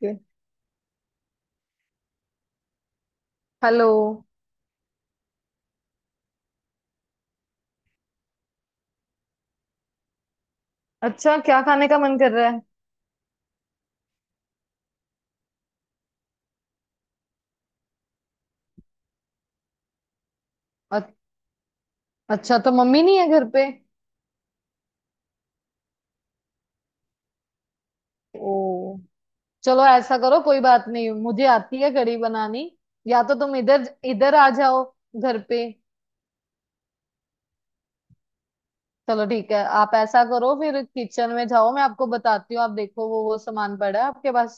के हेलो। अच्छा, क्या खाने का मन कर रहा है? अ- अच्छा, तो मम्मी नहीं है घर पे? ओ, चलो ऐसा करो, कोई बात नहीं, मुझे आती है कढ़ी बनानी। या तो तुम इधर इधर आ जाओ घर पे। चलो ठीक है, आप ऐसा करो, फिर किचन में जाओ, मैं आपको बताती हूँ, आप देखो वो सामान पड़ा है आपके पास।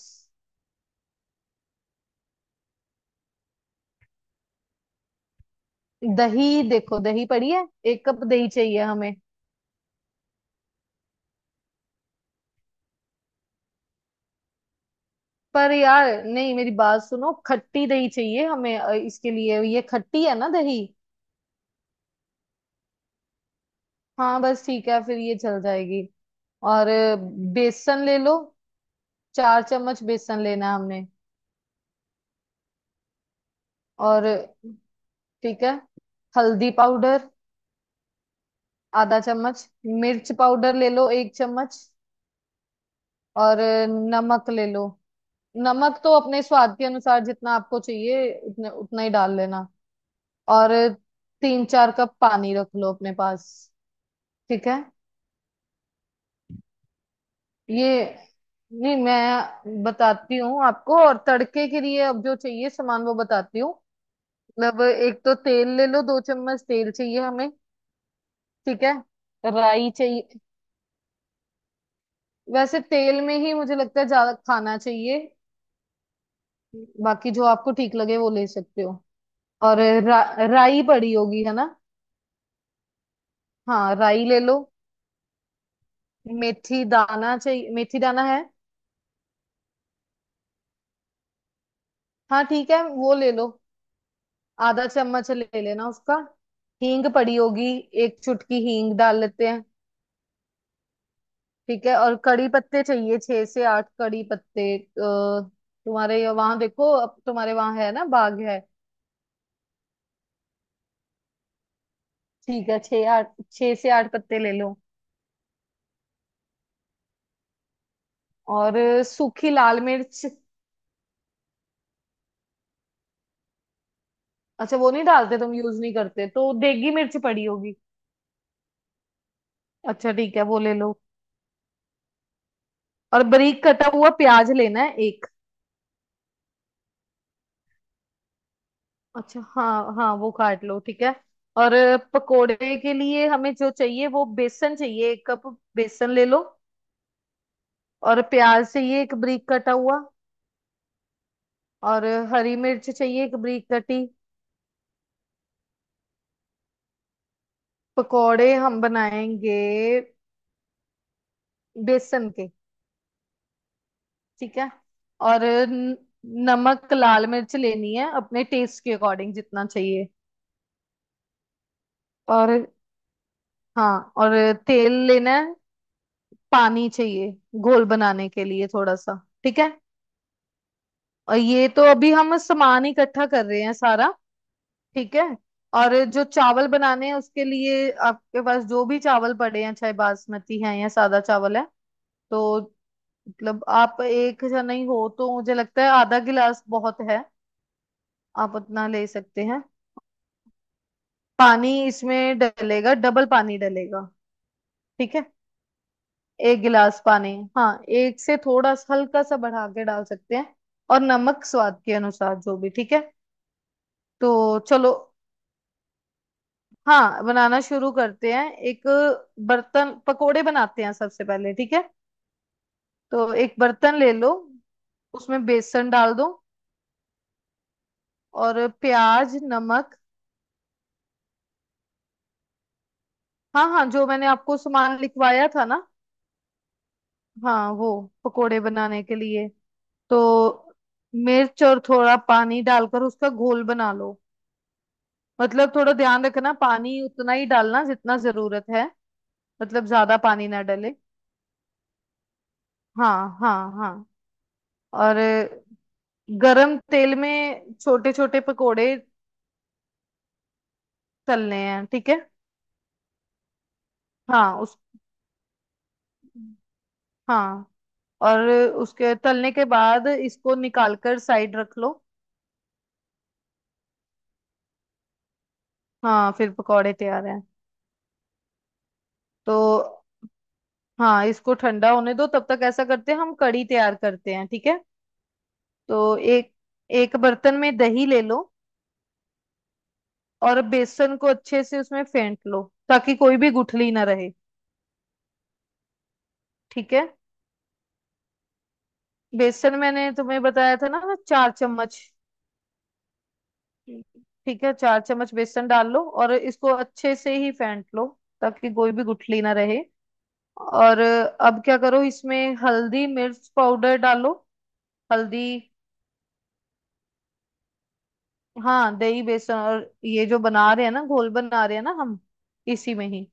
दही देखो, दही पड़ी है। 1 कप दही चाहिए हमें। पर यार नहीं, मेरी बात सुनो, खट्टी दही चाहिए हमें, इसके लिए, ये खट्टी है ना दही? हाँ बस, ठीक है, फिर ये चल जाएगी। और बेसन ले लो। 4 चम्मच बेसन लेना है हमने। और ठीक है। हल्दी पाउडर आधा चम्मच। मिर्च पाउडर ले लो 1 चम्मच। और नमक ले लो। नमक तो अपने स्वाद के अनुसार जितना आपको चाहिए उतने उतना ही डाल लेना। और 3-4 कप पानी रख लो अपने पास। ठीक है ये, नहीं मैं बताती हूँ आपको, और तड़के के लिए अब जो चाहिए सामान वो बताती हूँ। मतलब एक तो तेल ले लो, 2 चम्मच तेल चाहिए हमें, ठीक है। राई चाहिए। वैसे तेल में ही मुझे लगता है ज्यादा खाना चाहिए। बाकी जो आपको ठीक लगे वो ले सकते हो। और राई पड़ी होगी है ना? हाँ राई ले लो। मेथी दाना चाहिए, मेथी दाना है? हाँ ठीक है, वो ले लो। आधा चम्मच ले लेना उसका। हींग पड़ी होगी? 1 चुटकी हींग डाल लेते हैं, ठीक है। और कड़ी पत्ते चाहिए, 6 से 8 कड़ी पत्ते, तुम्हारे वहां देखो, अब तुम्हारे वहां है ना, बाग है। ठीक है, 6 से 8 पत्ते ले लो। और सूखी लाल मिर्च। अच्छा वो नहीं डालते तुम, यूज नहीं करते, तो देगी मिर्च पड़ी होगी? अच्छा ठीक है, वो ले लो। और बारीक कटा हुआ प्याज लेना है एक। अच्छा हाँ हाँ, वो काट लो, ठीक है। और पकोड़े के लिए हमें जो चाहिए वो बेसन चाहिए, 1 कप बेसन ले लो। और प्याज चाहिए एक बारीक कटा हुआ। और हरी मिर्च चाहिए एक बारीक कटी। पकोड़े हम बनाएंगे बेसन के, ठीक है। और नमक लाल मिर्च लेनी है अपने टेस्ट के अकॉर्डिंग जितना चाहिए। और हाँ, और तेल लेना है। पानी चाहिए घोल बनाने के लिए थोड़ा सा, ठीक है। और ये तो अभी हम सामान इकट्ठा कर रहे हैं सारा, ठीक है। और जो चावल बनाने हैं उसके लिए आपके पास जो भी चावल पड़े हैं, चाहे बासमती हैं या सादा चावल है, तो मतलब आप एक जने ही हो तो मुझे लगता है आधा गिलास बहुत है। आप उतना ले सकते हैं। पानी इसमें डलेगा, डबल पानी डलेगा। ठीक है, 1 गिलास पानी। हाँ एक से थोड़ा सा हल्का सा बढ़ा के डाल सकते हैं। और नमक स्वाद के अनुसार जो भी ठीक है। तो चलो, हाँ बनाना शुरू करते हैं। एक बर्तन पकोड़े बनाते हैं सबसे पहले, ठीक है। तो एक बर्तन ले लो, उसमें बेसन डाल दो। और प्याज नमक, हाँ हाँ, जो मैंने आपको सामान लिखवाया था ना, हाँ वो, पकोड़े बनाने के लिए। तो मिर्च और थोड़ा पानी डालकर उसका घोल बना लो। मतलब थोड़ा ध्यान रखना, पानी उतना ही डालना जितना जरूरत है। मतलब ज्यादा पानी ना डले। हाँ हाँ हाँ। और गरम तेल में छोटे छोटे पकोड़े तलने हैं, ठीक है। हाँ उस हाँ। और उसके तलने के बाद इसको निकाल कर साइड रख लो। हाँ फिर पकोड़े तैयार हैं। तो हाँ इसको ठंडा होने दो, तब तक ऐसा करते हैं हम कढ़ी तैयार करते हैं, ठीक है। तो एक एक बर्तन में दही ले लो। और बेसन को अच्छे से उसमें फेंट लो ताकि कोई भी गुठली ना रहे, ठीक है। बेसन मैंने तुम्हें बताया था ना, 4 चम्मच। ठीक है, 4 चम्मच बेसन डाल लो और इसको अच्छे से ही फेंट लो ताकि कोई भी गुठली ना रहे। और अब क्या करो, इसमें हल्दी मिर्च पाउडर डालो। हल्दी, हाँ दही बेसन और ये जो बना रहे हैं ना, घोल बना रहे हैं ना हम, इसी में ही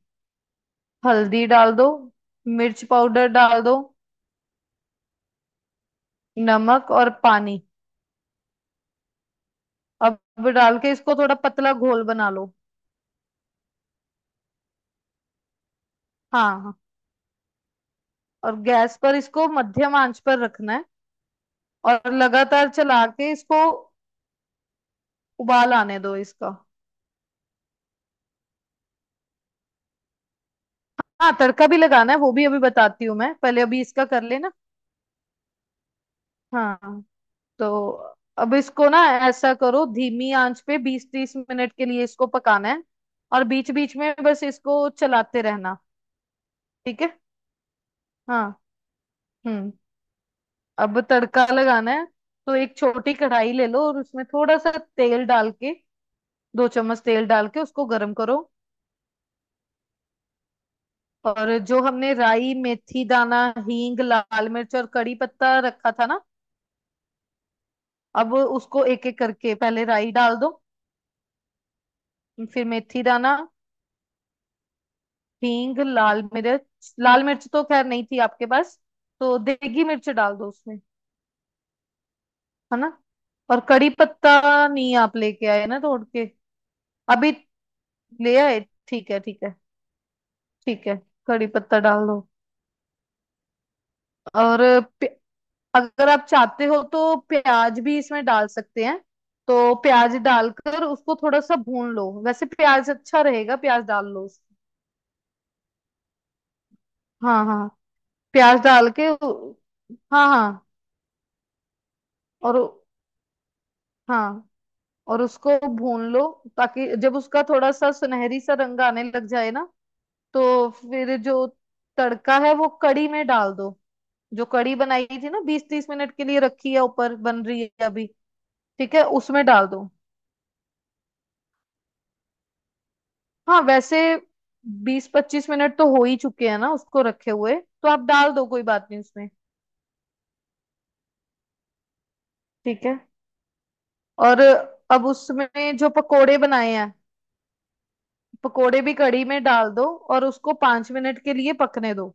हल्दी डाल दो। मिर्च पाउडर डाल दो। नमक और पानी। अब डाल के इसको थोड़ा पतला घोल बना लो। हाँ हाँ। और गैस पर इसको मध्यम आंच पर रखना है, और लगातार चला के इसको उबाल आने दो इसका। हाँ तड़का भी लगाना है, वो भी अभी बताती हूँ मैं, पहले अभी इसका कर लेना। हाँ। तो अब इसको ना, ऐसा करो धीमी आंच पे 20-30 मिनट के लिए इसको पकाना है। और बीच बीच में बस इसको चलाते रहना। ठीक है। हाँ हम्म। अब तड़का लगाना है। तो एक छोटी कढ़ाई ले लो और उसमें थोड़ा सा तेल डाल के, 2 चम्मच तेल डाल के उसको गर्म करो। और जो हमने राई मेथी दाना हींग लाल मिर्च और कड़ी पत्ता रखा था ना, अब उसको एक एक करके पहले राई डाल दो। फिर मेथी दाना हींग लाल मिर्च, लाल मिर्च तो खैर नहीं थी आपके पास, तो देगी मिर्च डाल दो उसमें, है ना? और कड़ी पत्ता नहीं आप लेके आए ना तोड़ के? अभी ले आए, ठीक है ठीक है ठीक है। कड़ी पत्ता डाल दो। और प्य- अगर आप चाहते हो तो प्याज भी इसमें डाल सकते हैं। तो प्याज डालकर उसको थोड़ा सा भून लो, वैसे प्याज अच्छा रहेगा, प्याज डाल लो उसमें। हाँ हाँ, प्याज डाल के, हाँ हाँ। और हाँ, और उसको भून लो, ताकि जब उसका थोड़ा सा सुनहरी सा रंग आने लग जाए ना, तो फिर जो तड़का है वो कड़ी में डाल दो। जो कड़ी बनाई थी ना, 20-30 मिनट के लिए रखी है, ऊपर बन रही है अभी, ठीक है, उसमें डाल दो। हाँ वैसे 20-25 मिनट तो हो ही चुके हैं ना उसको रखे हुए, तो आप डाल दो, कोई बात नहीं उसमें, ठीक है। और अब उसमें जो पकोड़े बनाए हैं, पकोड़े भी कड़ी में डाल दो, और उसको 5 मिनट के लिए पकने दो।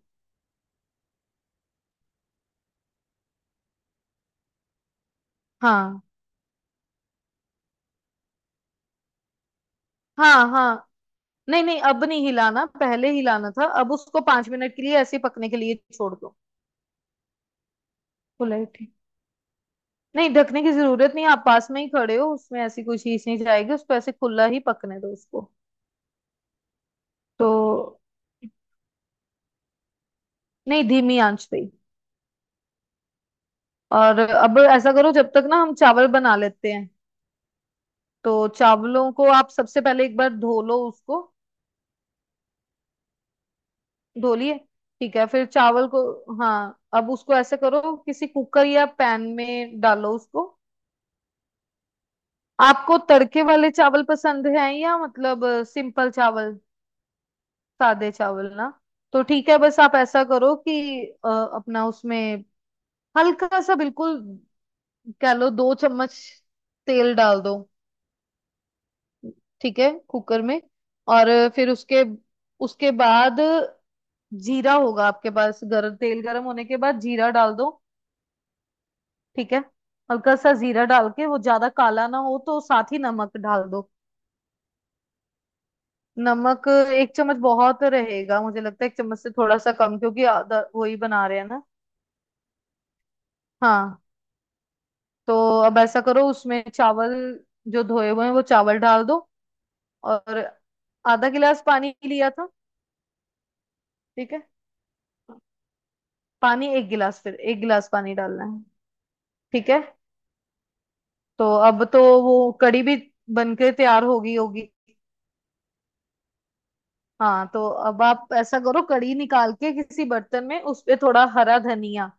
हाँ हाँ हाँ। नहीं नहीं, अब नहीं हिलाना, पहले हिलाना था, अब उसको 5 मिनट के लिए ऐसे ही पकने के लिए छोड़ दो। खुला ही ठीक, नहीं ढकने की जरूरत नहीं, आप पास में ही खड़े हो, उसमें ऐसी कोई चीज नहीं जाएगी, उसको ऐसे खुला ही पकने दो उसको। तो नहीं, धीमी आंच पे ही। और अब ऐसा करो जब तक ना हम चावल बना लेते हैं, तो चावलों को आप सबसे पहले एक बार धो लो उसको। धो लिए? ठीक है, फिर चावल को, हाँ अब उसको ऐसे करो, किसी कुकर या पैन में डालो उसको। आपको तड़के वाले चावल पसंद हैं या मतलब सिंपल चावल? सादे चावल ना। तो ठीक है, बस आप ऐसा करो कि अपना उसमें हल्का सा बिल्कुल, कह लो 2 चम्मच तेल डाल दो। ठीक है, कुकर में। और फिर उसके उसके बाद जीरा होगा आपके पास, गरम तेल गरम होने के बाद जीरा डाल दो, ठीक है। हल्का सा जीरा डाल के, वो ज्यादा काला ना हो तो साथ ही नमक डाल दो। नमक 1 चम्मच बहुत रहेगा मुझे लगता है, 1 चम्मच से थोड़ा सा कम, क्योंकि आधा वही बना रहे हैं ना। हाँ, तो अब ऐसा करो, उसमें चावल जो धोए हुए हैं वो चावल डाल दो। और आधा गिलास पानी लिया था, ठीक है, पानी 1 गिलास, फिर 1 गिलास पानी डालना है। ठीक है, तो अब तो वो कड़ी भी बनके तैयार होगी होगी। हाँ तो अब आप ऐसा करो, कड़ी निकाल के किसी बर्तन में उस पे थोड़ा हरा धनिया,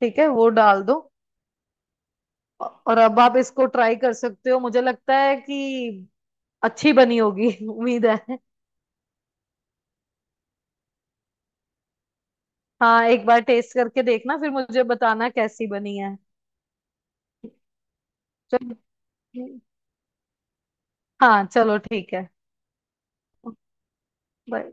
ठीक है वो डाल दो। और अब आप इसको ट्राई कर सकते हो, मुझे लगता है कि अच्छी बनी होगी उम्मीद है। हाँ एक बार टेस्ट करके देखना, फिर मुझे बताना कैसी बनी है। चलो, हाँ चलो ठीक है, Bye.